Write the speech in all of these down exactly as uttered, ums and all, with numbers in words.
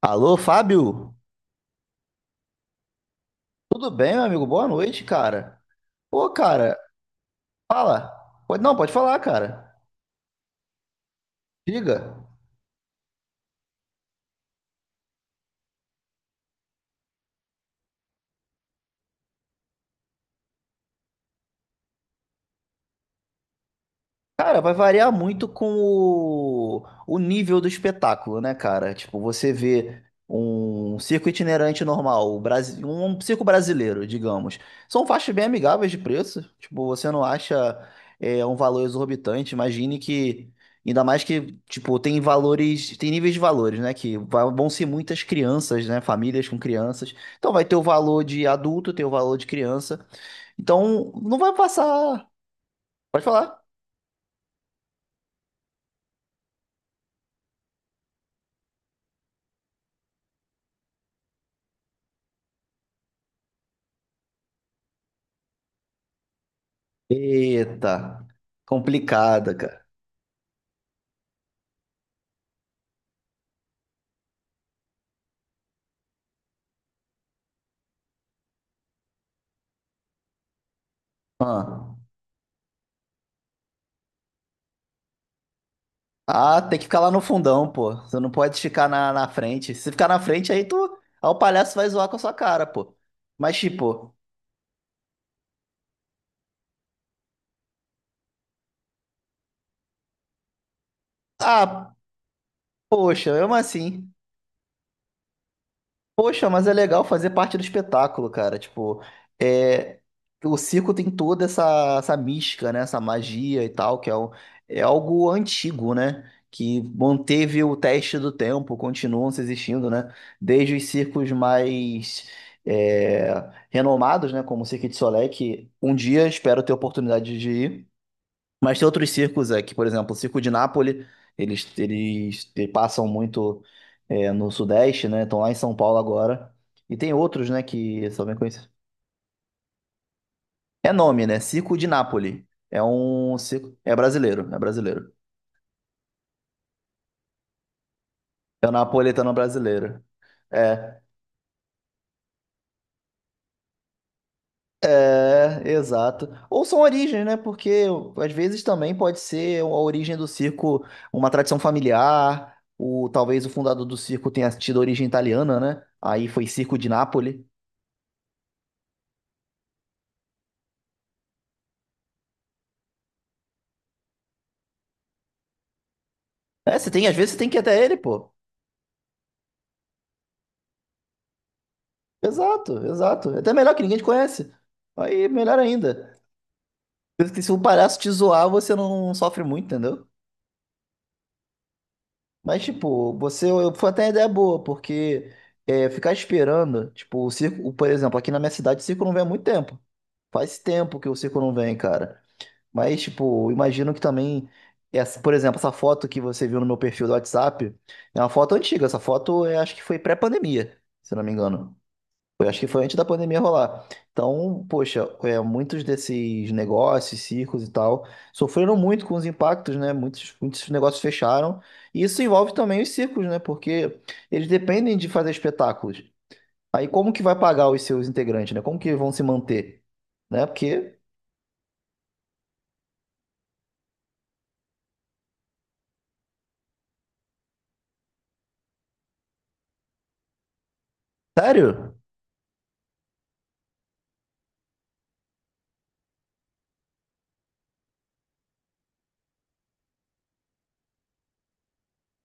Alô, Fábio? Tudo bem, meu amigo? Boa noite, cara. Pô, cara, fala. Pode, não, pode falar, cara. Diga. Cara, vai variar muito com o, o nível do espetáculo, né, cara? Tipo, você vê um circo itinerante normal, o Brasi- um circo brasileiro, digamos. São faixas bem amigáveis de preço. Tipo, você não acha é, um valor exorbitante. Imagine que, ainda mais que, tipo, tem valores, tem níveis de valores, né? Que vai- vão ser muitas crianças, né? Famílias com crianças. Então vai ter o valor de adulto, tem o valor de criança. Então, não vai passar. Pode falar. Eita, complicada, cara. Ah, ah, tem que ficar lá no fundão, pô. Você não pode ficar na, na frente. Se ficar na frente, aí tu. Aí o palhaço vai zoar com a sua cara, pô. Mas, tipo, ah, poxa, eu assim. Poxa, mas é legal fazer parte do espetáculo, cara. Tipo, é, o circo tem toda essa, essa mística, né? Essa magia e tal, que é, o- é algo antigo, né? Que manteve o teste do tempo, continuam se existindo, né? Desde os circos mais é, renomados, né? Como o Cirque du Soleil, que um dia espero ter a oportunidade de ir. Mas tem outros circos aqui, por exemplo, o Circo de Nápoles, eles, eles, eh, passam muito eh, no Sudeste, né? Estão lá em São Paulo agora. E tem outros, né, que só vem conhecer. É nome, né? Circo de Nápoles. É um circo. É brasileiro, é brasileiro. É o napolitano brasileiro. É, é, exato. Ou são origens, né? Porque às vezes também pode ser a origem do circo, uma tradição familiar. O, talvez o fundador do circo tenha tido origem italiana, né? Aí foi Circo de Nápoles. É, você tem, às vezes você tem que ir até ele, pô. Exato, exato. É até melhor que ninguém te conhece. Aí, melhor ainda. Porque se um palhaço te zoar, você não sofre muito, entendeu? Mas, tipo, você foi até uma ideia boa, porque é, ficar esperando, tipo, o circo, por exemplo, aqui na minha cidade o circo não vem há muito tempo. Faz tempo que o circo não vem, cara. Mas, tipo, imagino que também, essa, por exemplo, essa foto que você viu no meu perfil do WhatsApp é uma foto antiga. Essa foto, eu acho que foi pré-pandemia, se não me engano. Eu acho que foi antes da pandemia rolar. Então, poxa, é, muitos desses negócios, circos e tal, sofreram muito com os impactos, né? Muitos, muitos negócios fecharam. E isso envolve também os circos, né? Porque eles dependem de fazer espetáculos. Aí como que vai pagar os seus integrantes, né? Como que vão se manter? Né? Porque, sério?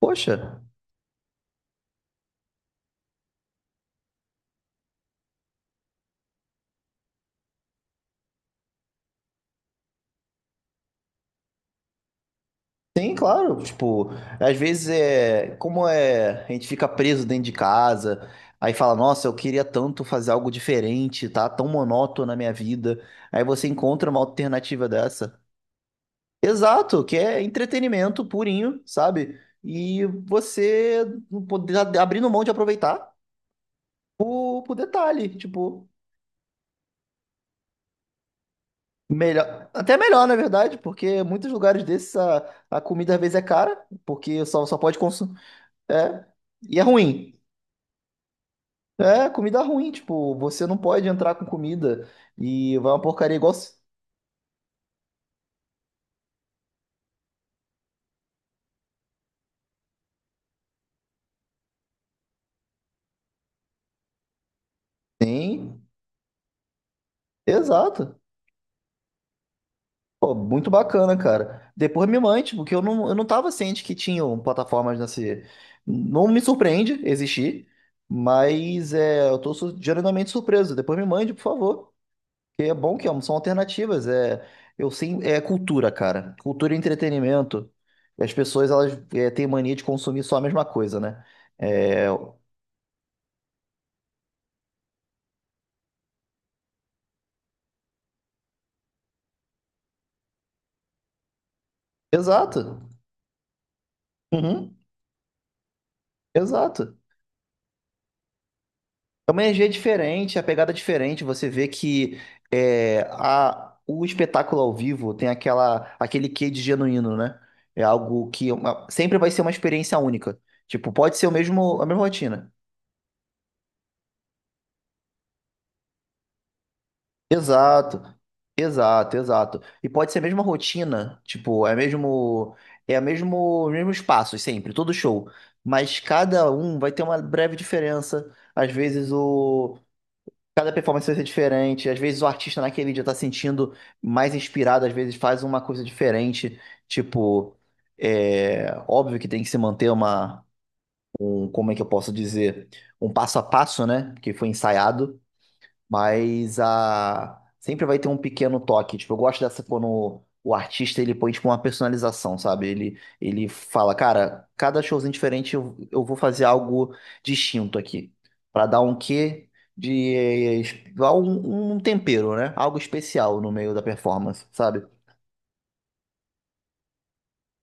Poxa. Sim, claro. Tipo, às vezes é. Como é. A gente fica preso dentro de casa, aí fala, nossa, eu queria tanto fazer algo diferente, tá tão monótono na minha vida. Aí você encontra uma alternativa dessa. Exato, que é entretenimento purinho, sabe? E você poder abrindo mão de aproveitar por, por detalhe, tipo, melhor. Até melhor, na verdade, porque muitos lugares desses a, a comida às vezes é cara, porque só, só pode consumir. É, e é ruim. É, comida ruim, tipo, você não pode entrar com comida e vai uma porcaria igual. Sim, exato. Pô, muito bacana, cara. Depois me mande, porque eu não, eu não tava ciente que tinham plataformas nesse. Não me surpreende existir, mas é, eu tô su- geralmente surpreso. Depois me mande, por favor. Que é bom que é- são alternativas. É, eu sim, é cultura, cara. Cultura e entretenimento. E as pessoas, elas é, têm mania de consumir só a mesma coisa, né? É, exato. Uhum, exato. É uma energia diferente, a pegada é diferente. Você vê que é, a, o espetáculo ao vivo tem aquela, aquele quê de genuíno, né? É algo que é uma- sempre vai ser uma experiência única. Tipo, pode ser o mesmo, a mesma rotina. Exato, exato, exato. E pode ser a mesma rotina, tipo, é mesmo, é a mesmo, os mesmos passos sempre, todo show. Mas cada um vai ter uma breve diferença. Às vezes o cada performance vai ser diferente. Às vezes o artista naquele dia tá sentindo mais inspirado, às vezes faz uma coisa diferente. Tipo, é óbvio que tem que se manter uma, um, como é que eu posso dizer, um passo a passo, né? Que foi ensaiado. Mas a sempre vai ter um pequeno toque. Tipo, eu gosto dessa quando o artista ele põe tipo, uma personalização, sabe? Ele, ele fala, cara, cada showzinho diferente eu, eu vou fazer algo distinto aqui. Pra dar um quê de. Dar um, um tempero, né? Algo especial no meio da performance, sabe?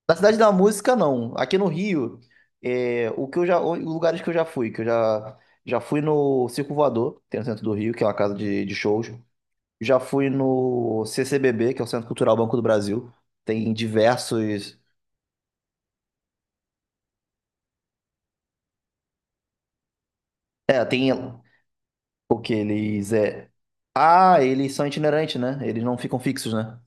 Na Cidade da Música, não. Aqui no Rio, é, o que eu já, os lugares que eu já, fui, que eu já, já fui no Circo Voador, que tem no centro do Rio, que é uma casa de, de shows. Já fui no C C B B, que é o Centro Cultural Banco do Brasil. Tem diversos. É, tem o que eles é. Ah, eles são itinerantes, né? Eles não ficam fixos, né?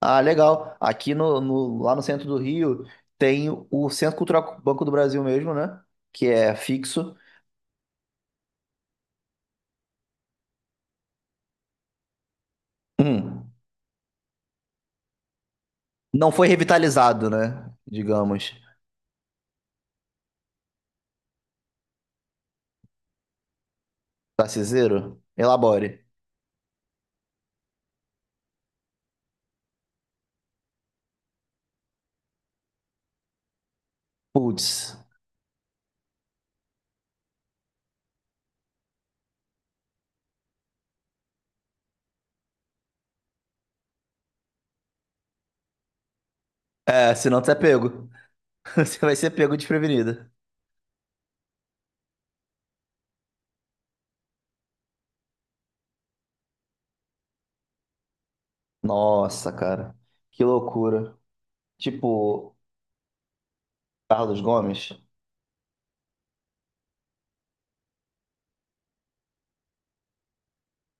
Ah, legal. Aqui no, no- lá no centro do Rio tem o Centro Cultural Banco do Brasil mesmo, né? Que é fixo. Hum, não foi revitalizado, né? Digamos. Tarciseiro, elabore. Putz. É, senão tu é pego. Você vai ser pego desprevenida. Nossa, cara, que loucura. Tipo, Carlos Gomes,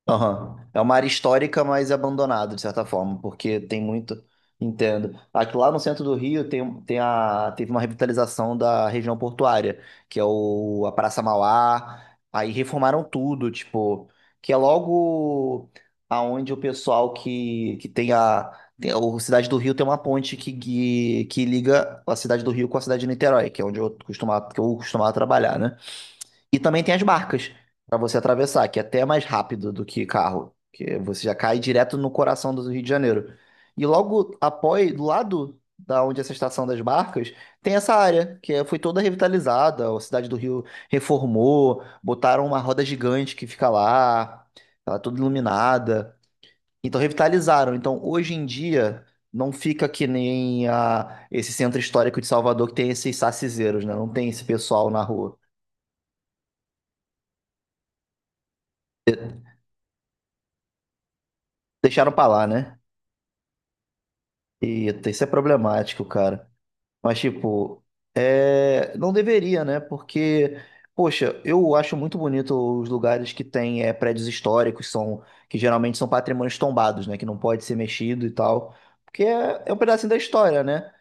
aham. É uma área histórica, mas abandonada, de certa forma, porque tem muito. Entendo. Aqui lá no centro do Rio tem, tem a, teve uma revitalização da região portuária, que é o, a Praça Mauá. Aí reformaram tudo, tipo, que é logo aonde o pessoal que, que tem a. Tem, o Cidade do Rio tem uma ponte que, que, que liga a Cidade do Rio com a cidade de Niterói, que é onde eu costumava, que eu costumava trabalhar, né? E também tem as barcas para você atravessar, que é até mais rápido do que carro, que você já cai direto no coração do Rio de Janeiro. E logo após, do lado da onde é essa estação das barcas, tem essa área que é- foi toda revitalizada, a cidade do Rio reformou, botaram uma roda gigante que fica lá, ela é toda iluminada. Então revitalizaram. Então hoje em dia não fica que nem a, esse centro histórico de Salvador que tem esses sacizeiros, né? Não tem esse pessoal na rua. Deixaram pra lá, né? Eita, isso é problemático, cara. Mas, tipo, é não deveria, né? Porque, poxa, eu acho muito bonito os lugares que tem é, prédios históricos, são que geralmente são patrimônios tombados, né? Que não pode ser mexido e tal. Porque é, é um pedacinho da história, né?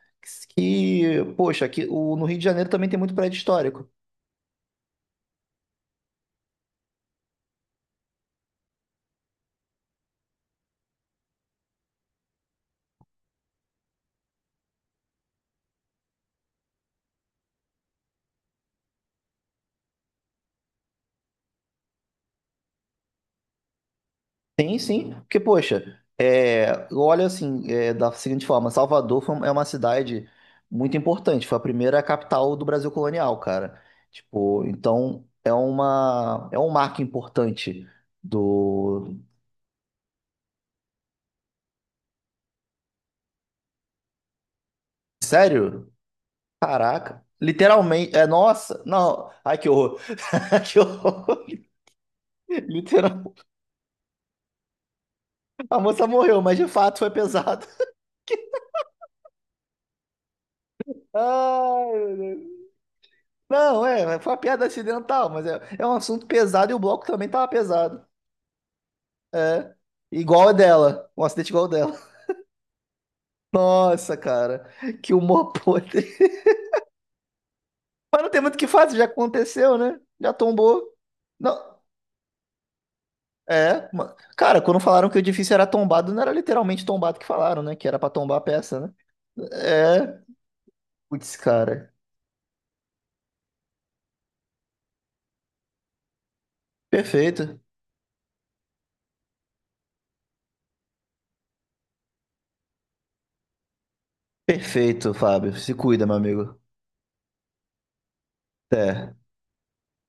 Que, poxa, aqui, o no Rio de Janeiro também tem muito prédio histórico. Sim, sim, porque, poxa, é, eu assim, é, da seguinte forma, Salvador foi- um, é uma cidade muito importante, foi a primeira capital do Brasil colonial, cara. Tipo, então é uma, é um marco importante do. Sério? Caraca, literalmente, é, nossa, não, ai que horror, que horror, literal, a moça morreu, mas de fato foi pesado. Ai, meu Deus. Não, é, foi uma piada acidental, mas é, é um assunto pesado e o bloco também tava pesado. É, igual a dela. Um acidente igual a dela. Nossa, cara. Que humor podre. Mas não tem muito o que fazer, já aconteceu, né? Já tombou. Não, é. ma- Cara, quando falaram que o edifício era tombado, não era literalmente tombado que falaram, né? Que era pra tombar a peça, né? É. Putz, cara. Perfeito. Perfeito, Fábio. Se cuida, meu amigo. Até.